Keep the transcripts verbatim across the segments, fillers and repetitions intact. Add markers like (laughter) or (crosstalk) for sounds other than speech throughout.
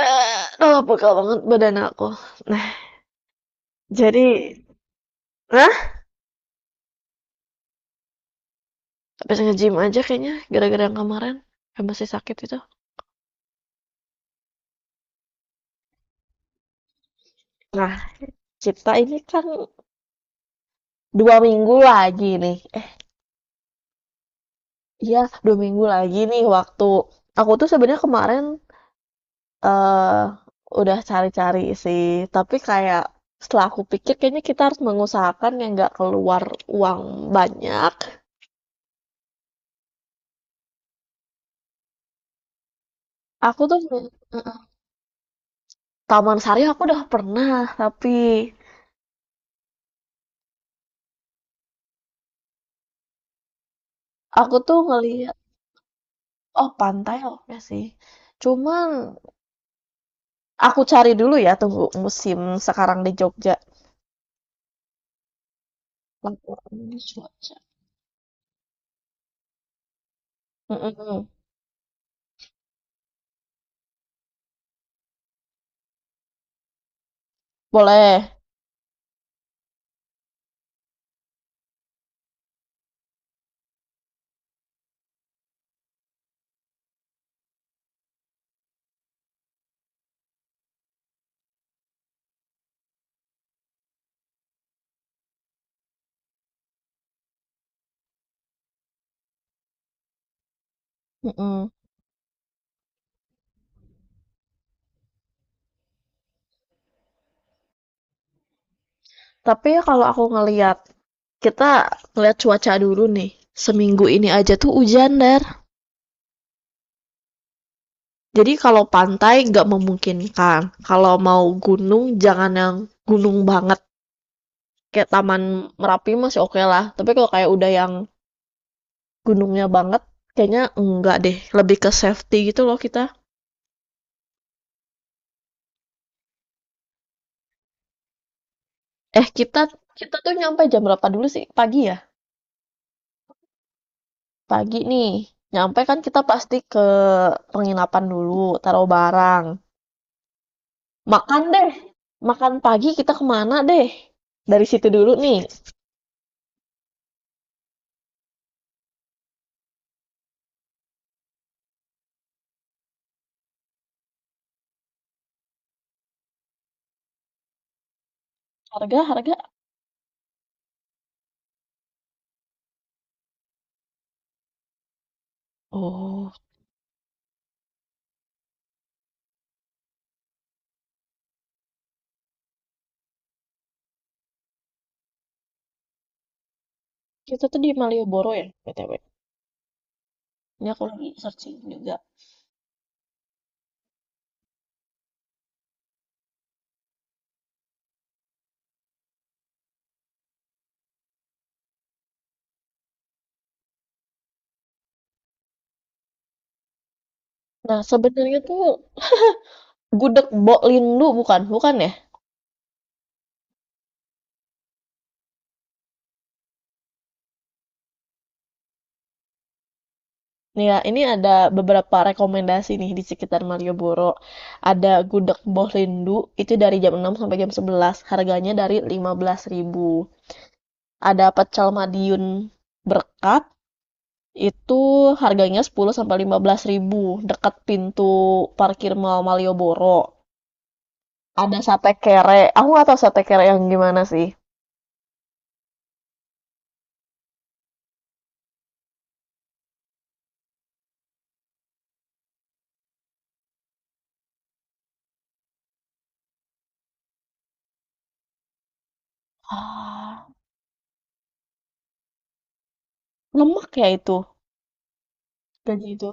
Eh, aduh pegel banget badan aku. Nah, jadi, nah, habis nge-gym aja kayaknya gara-gara yang kemarin yang masih sakit itu. Nah, kita ini kan dua minggu lagi nih. Eh, iya, dua minggu lagi nih waktu aku tuh sebenarnya kemarin eh udah cari-cari sih, tapi kayak setelah aku pikir kayaknya kita harus mengusahakan yang nggak keluar uang banyak. Aku tuh Taman Sari aku udah pernah, tapi aku tuh ngelihat. Oh, pantai oke sih. Cuman aku cari dulu ya tunggu musim sekarang di Jogja. Laporan cuaca. Mm-mm. Boleh. Mm-mm. Tapi ya kalau aku ngeliat, kita ngeliat cuaca dulu nih. Seminggu ini aja tuh hujan, Der. Jadi kalau pantai nggak memungkinkan. Kalau mau gunung, jangan yang gunung banget. Kayak Taman Merapi masih oke lah. Tapi kalau kayak udah yang gunungnya banget, kayaknya enggak deh. Lebih ke safety gitu loh kita. Eh, kita kita tuh nyampe jam berapa dulu sih? Pagi ya? Pagi nih. Nyampe kan kita pasti ke penginapan dulu, taruh barang. Makan deh. Makan pagi kita kemana deh? Dari situ dulu nih. Harga, harga. Oh, kita tuh di Malioboro ya, B T W. Ini aku lagi searching juga. Nah, sebenarnya tuh Gudeg Bok Lindu bukan? Bukan ya? Nih ya, ini ada beberapa rekomendasi nih di sekitar Malioboro. Ada gudeg Mbah Lindu, itu dari jam enam sampai jam sebelas. Harganya dari lima belas ribu. Ada pecel Madiun Berkat, itu harganya sepuluh sampai lima belas ribu. Dekat pintu parkir Mall Malioboro. Ada sate kere, aku nggak tahu sate kere yang gimana sih. Ah, lemak ya itu, gaji itu.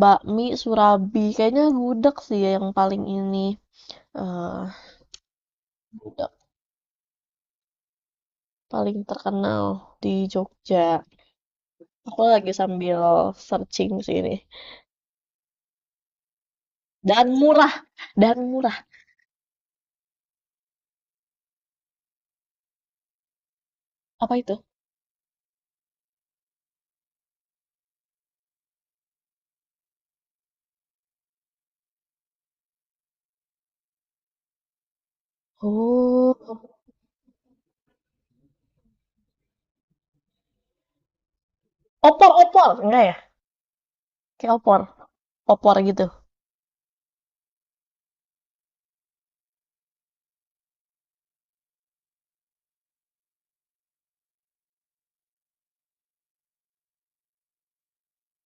Bakmi Surabi, kayaknya gudeg sih yang paling ini. eh paling terkenal di Jogja. Aku lagi sambil searching sih ini. Dan murah, dan murah. Apa itu? Oh, opor-opor, enggak ya? Kayak opor, opor gitu.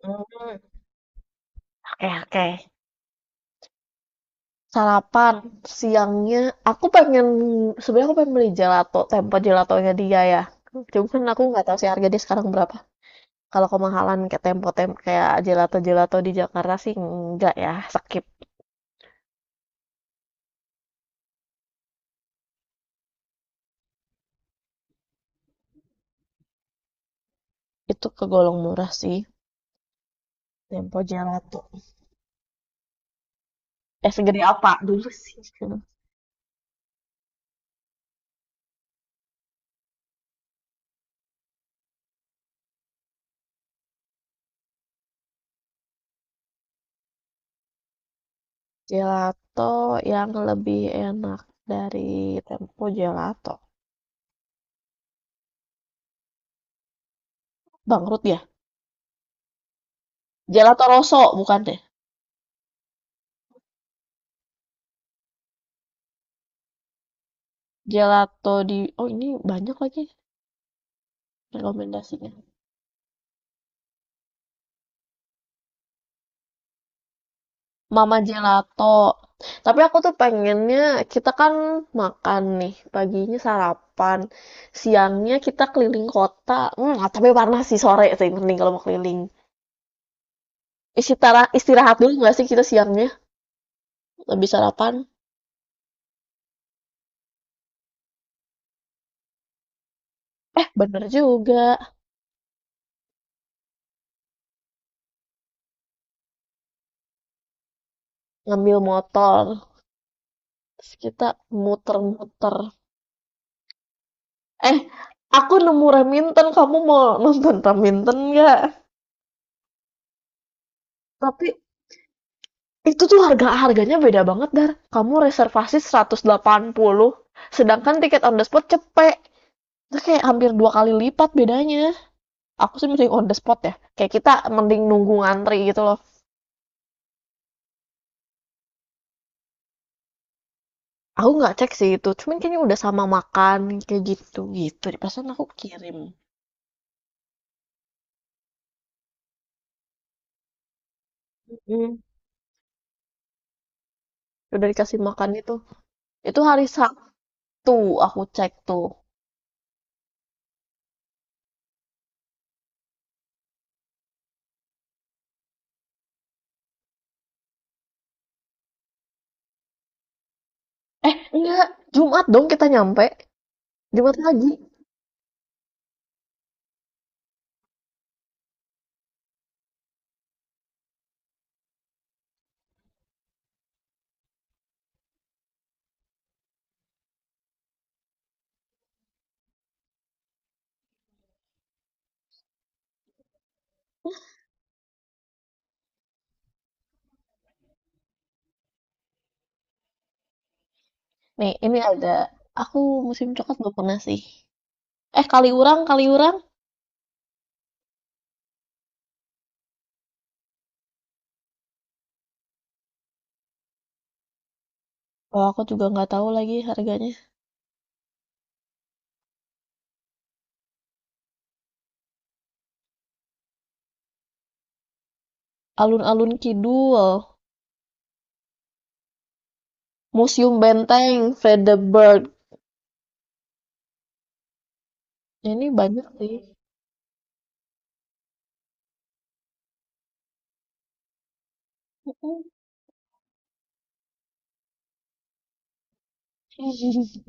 Hmm, oke, oke. Sarapan siangnya, aku pengen sebenarnya aku pengen beli gelato, tempo gelatonya dia ya. Cuman aku nggak tahu sih harga dia sekarang berapa. Kalau kemahalan kayak tempo tem kayak gelato gelato di Jakarta sih enggak ya, skip. Itu kegolong murah sih. Tempo gelato. Eh, segede apa dulu (laughs) sih? Gelato yang lebih enak dari Tempo Gelato. Bangkrut ya? Gelato Rosso bukan deh. Gelato di Oh, ini banyak lagi rekomendasinya. Mama Gelato. Tapi aku tuh pengennya kita kan makan nih, paginya sarapan, siangnya kita keliling kota. Hmm, ah, tapi panas sih sore sih mending kalau mau keliling. Istirahat istirahat dulu nggak sih kita siangnya? Lebih sarapan. Eh, bener juga. Ngambil motor. Terus kita muter-muter. Eh, aku nemu Raminten, kamu mau nonton Raminten nggak? Tapi itu tuh harga-harganya beda banget, Dar. Kamu reservasi seratus delapan puluh sedangkan tiket on the spot cepet. Itu kayak hampir dua kali lipat bedanya. Aku sih mending on the spot ya. Kayak kita mending nunggu ngantri gitu loh. Aku nggak cek sih itu, cuman kayaknya udah sama makan kayak gitu gitu. Di pesan aku kirim. Mm, udah dikasih makan itu. Itu hari Sa Tuh, aku cek tuh. Enggak, Jumat dong kita nyampe. Jumat lagi. Nih, ini ada. Aku musim coklat belum pernah sih. Eh, Kaliurang, Kaliurang. Oh, aku juga nggak tahu lagi harganya. Alun-alun Kidul. Museum Benteng, Fredeberg. Ya, ini banyak sih. (laughs)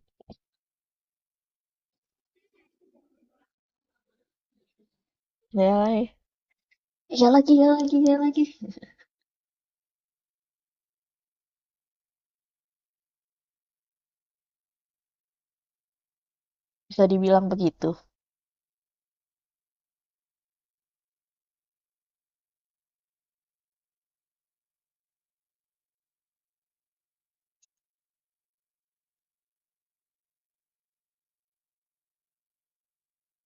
Ya, lagi. Ya lagi, ya lagi, ya lagi. Bisa dibilang begitu.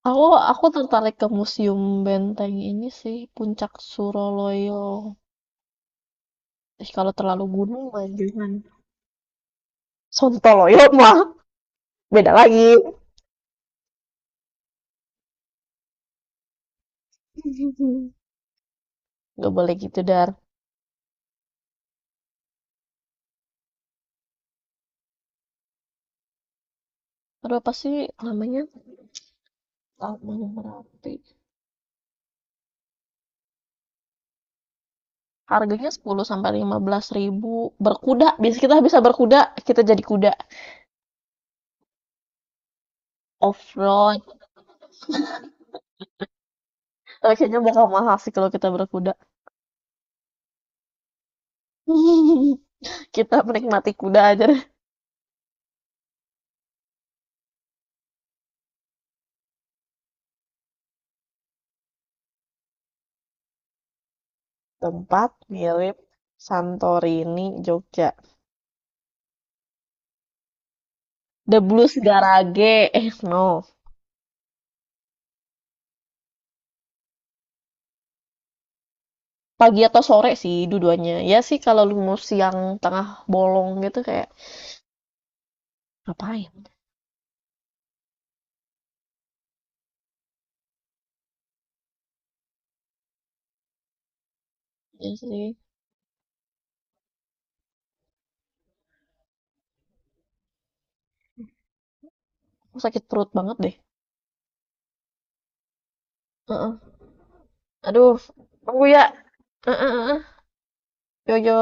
Aku, aku tertarik ke Museum Benteng ini sih. Puncak Suroloyo. Ih, kalau terlalu gunung mah jangan. Sontoloyo mah beda lagi. (laughs) Nggak boleh gitu, Dar. Aduh, apa sih namanya? Taman Merapi. Harganya sepuluh sampai lima belas ribu. Berkuda. Biasa kita bisa berkuda, kita jadi kuda. Off-road. Eh, kayaknya bakal mahal sih kalau kita berkuda. (laughs) Kita menikmati kuda aja deh. Tempat mirip Santorini, Jogja. The Blues Garage. Eh, no. Pagi atau sore sih dua-duanya. Ya sih kalau lu mau siang tengah bolong gitu kayak. Ngapain? Iya sih. Aku sakit perut banget deh. Heeh. Aduh, tunggu ya. Heeh heeh. Yo yo.